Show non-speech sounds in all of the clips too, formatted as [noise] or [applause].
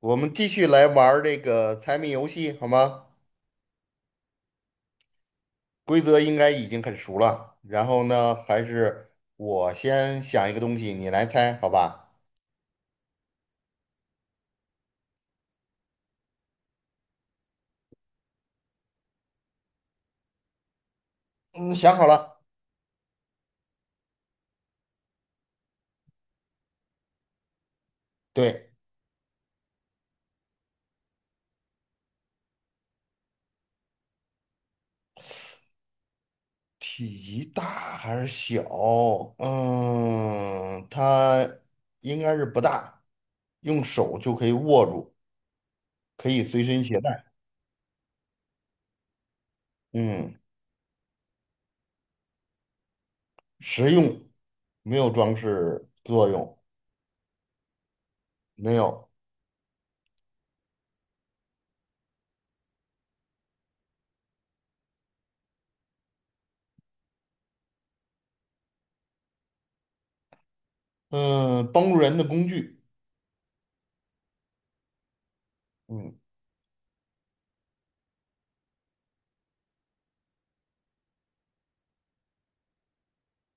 我们继续来玩儿这个猜谜游戏，好吗？规则应该已经很熟了。然后呢，还是我先想一个东西，你来猜，好吧？嗯，想好了。对，体积大还是小？它应该是不大，用手就可以握住，可以随身携带。嗯，实用，没有装饰作用，没有。嗯，帮助人的工具。嗯。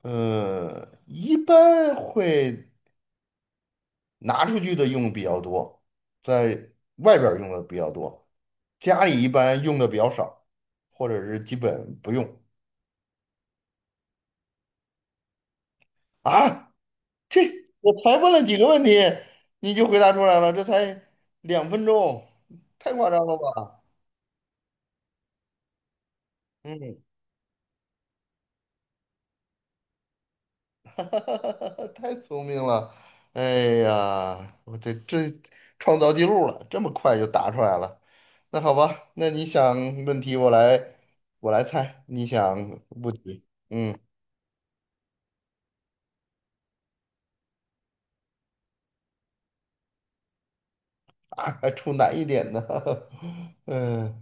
一般会拿出去的用比较多，在外边儿用的比较多，家里一般用的比较少，或者是基本不用。啊，这我才问了几个问题，你就回答出来了，这才2分钟，太夸张了吧？嗯 [laughs] 哈，太聪明了！哎呀，我创造记录了，这么快就答出来了。那好吧，那你想问题我来猜，你想不题，嗯还出难一点的，[laughs] 嗯，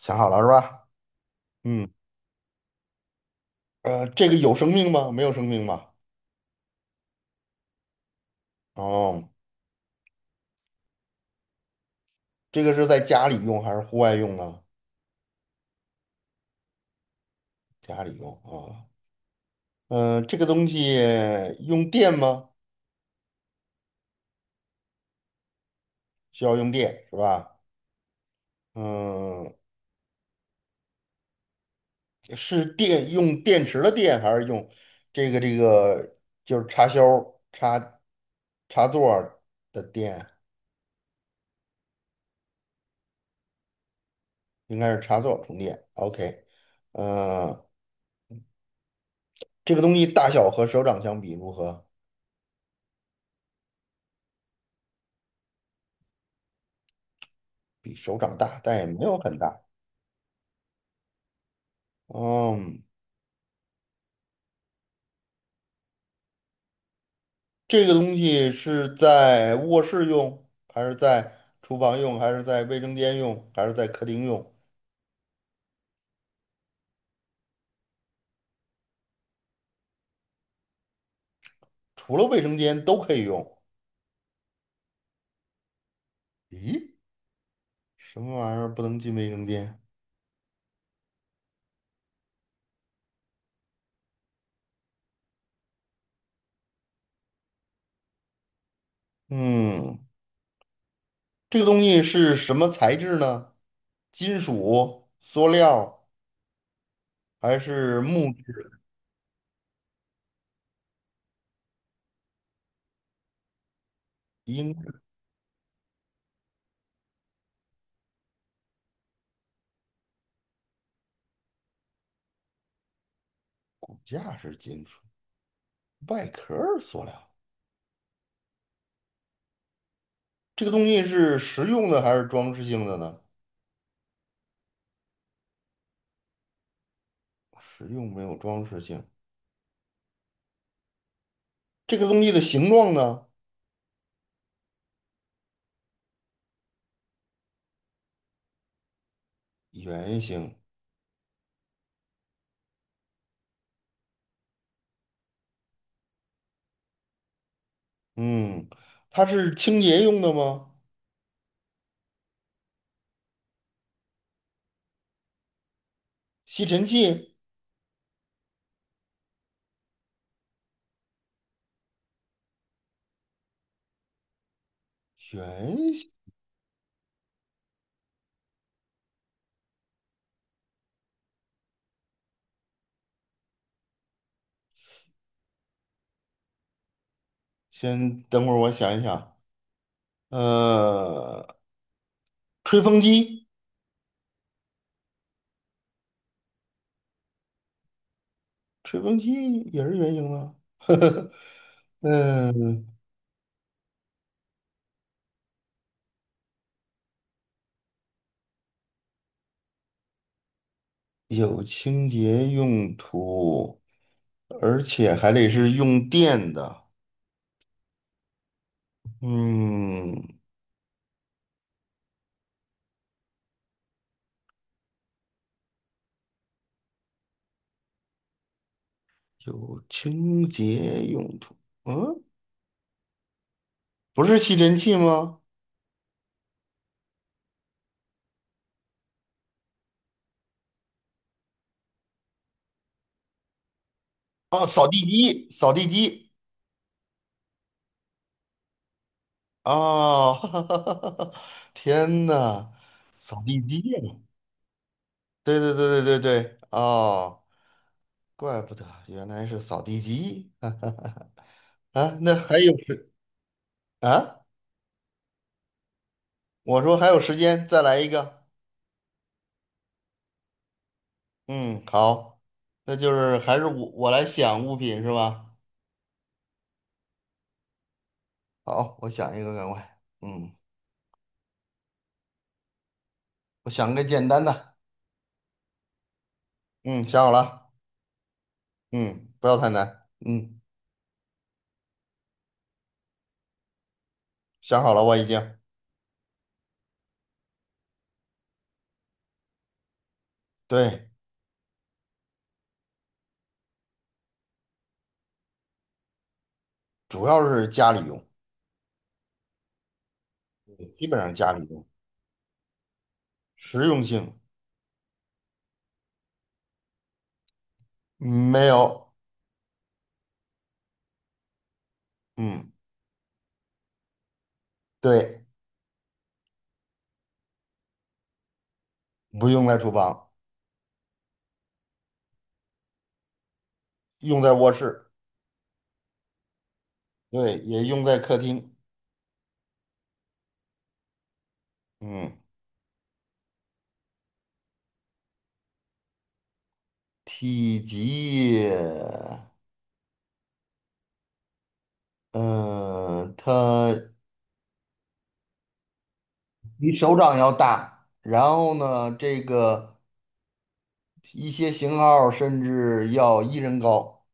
想好了是吧？嗯，呃，这个有生命吗？没有生命吧？哦，这个是在家里用还是户外用啊？家里用啊，嗯，这个东西用电吗？需要用电是吧？嗯，是电用电池的电，还是用这个就是插销插插座儿的电？应该是插座充电。OK，呃，这个东西大小和手掌相比如何？比手掌大，但也没有很大。嗯，这个东西是在卧室用，还是在厨房用，还是在卫生间用，还是在客厅用？除了卫生间都可以用。咦，什么玩意儿不能进卫生间？嗯。这个东西是什么材质呢？金属、塑料还是木质？应该骨架是金属，外壳儿塑料。这个东西是实用的还是装饰性的呢？实用没有装饰性。这个东西的形状呢？圆形。嗯，它是清洁用的吗？吸尘器。圆形先等会儿我想一想。呃，吹风机，吹风机也是圆形的。[laughs] 嗯，有清洁用途，而且还得是用电的。嗯，有清洁用途，嗯，不是吸尘器吗？哦，扫地机，扫地机哦，[laughs] 哈哈哈哈哈！天呐，扫地机呀！对对对对对对，哦，怪不得原来是扫地机，[laughs] 哈哈哈哈！啊，那还有时啊？我说还有时间，再来一个。嗯，好，那就是还是我来想物品是吧？好，我想一个，赶快。嗯，我想个简单的。嗯，想好了。嗯，不要太难。嗯，想好了，我已经。对，主要是家里用，基本上家里用，实用性没有。嗯，对，不用在厨房，用在卧室，对，也用在客厅。嗯，体积，嗯、它。比手掌要大，然后呢，这个一些型号甚至要一人高，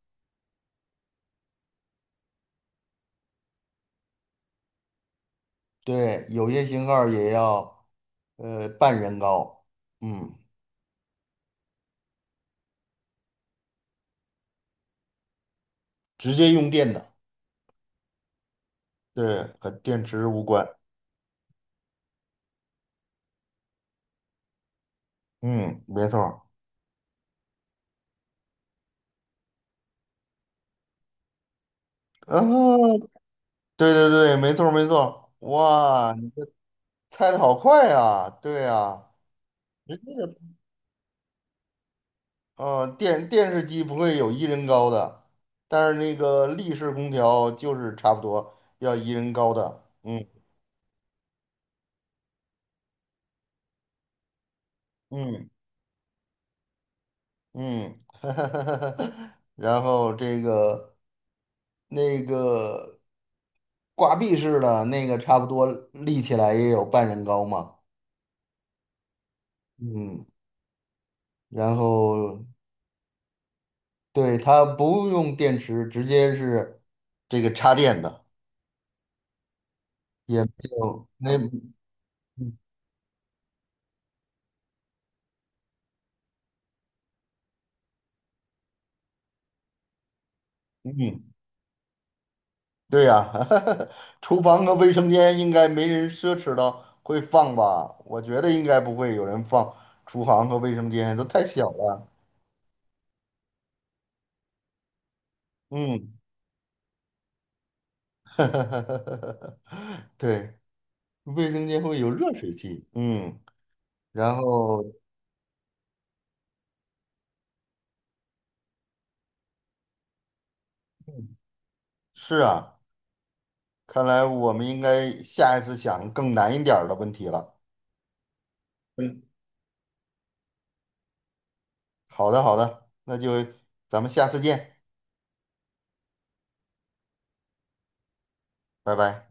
对，有些型号也要呃半人高，嗯，直接用电的，对，和电池无关，嗯，没错儿，啊，对对对，没错儿没错儿哇，你猜的好快呀，对啊，呃，电视机不会有一人高的，但是那个立式空调就是差不多要一人高的，嗯嗯，[laughs] 然后那个挂壁式的那个差不多立起来也有半人高嘛，嗯，然后对它不用电池，直接是这个插电的，也没有没嗯。嗯对呀、[laughs] 厨房和卫生间应该没人奢侈到会放吧？我觉得应该不会有人放厨房和卫生间，都太小了。嗯，[laughs] 对，卫生间会有热水器。嗯，然后是啊，看来我们应该下一次想更难一点儿的问题了。嗯，好的，好的，那就咱们下次见，拜拜。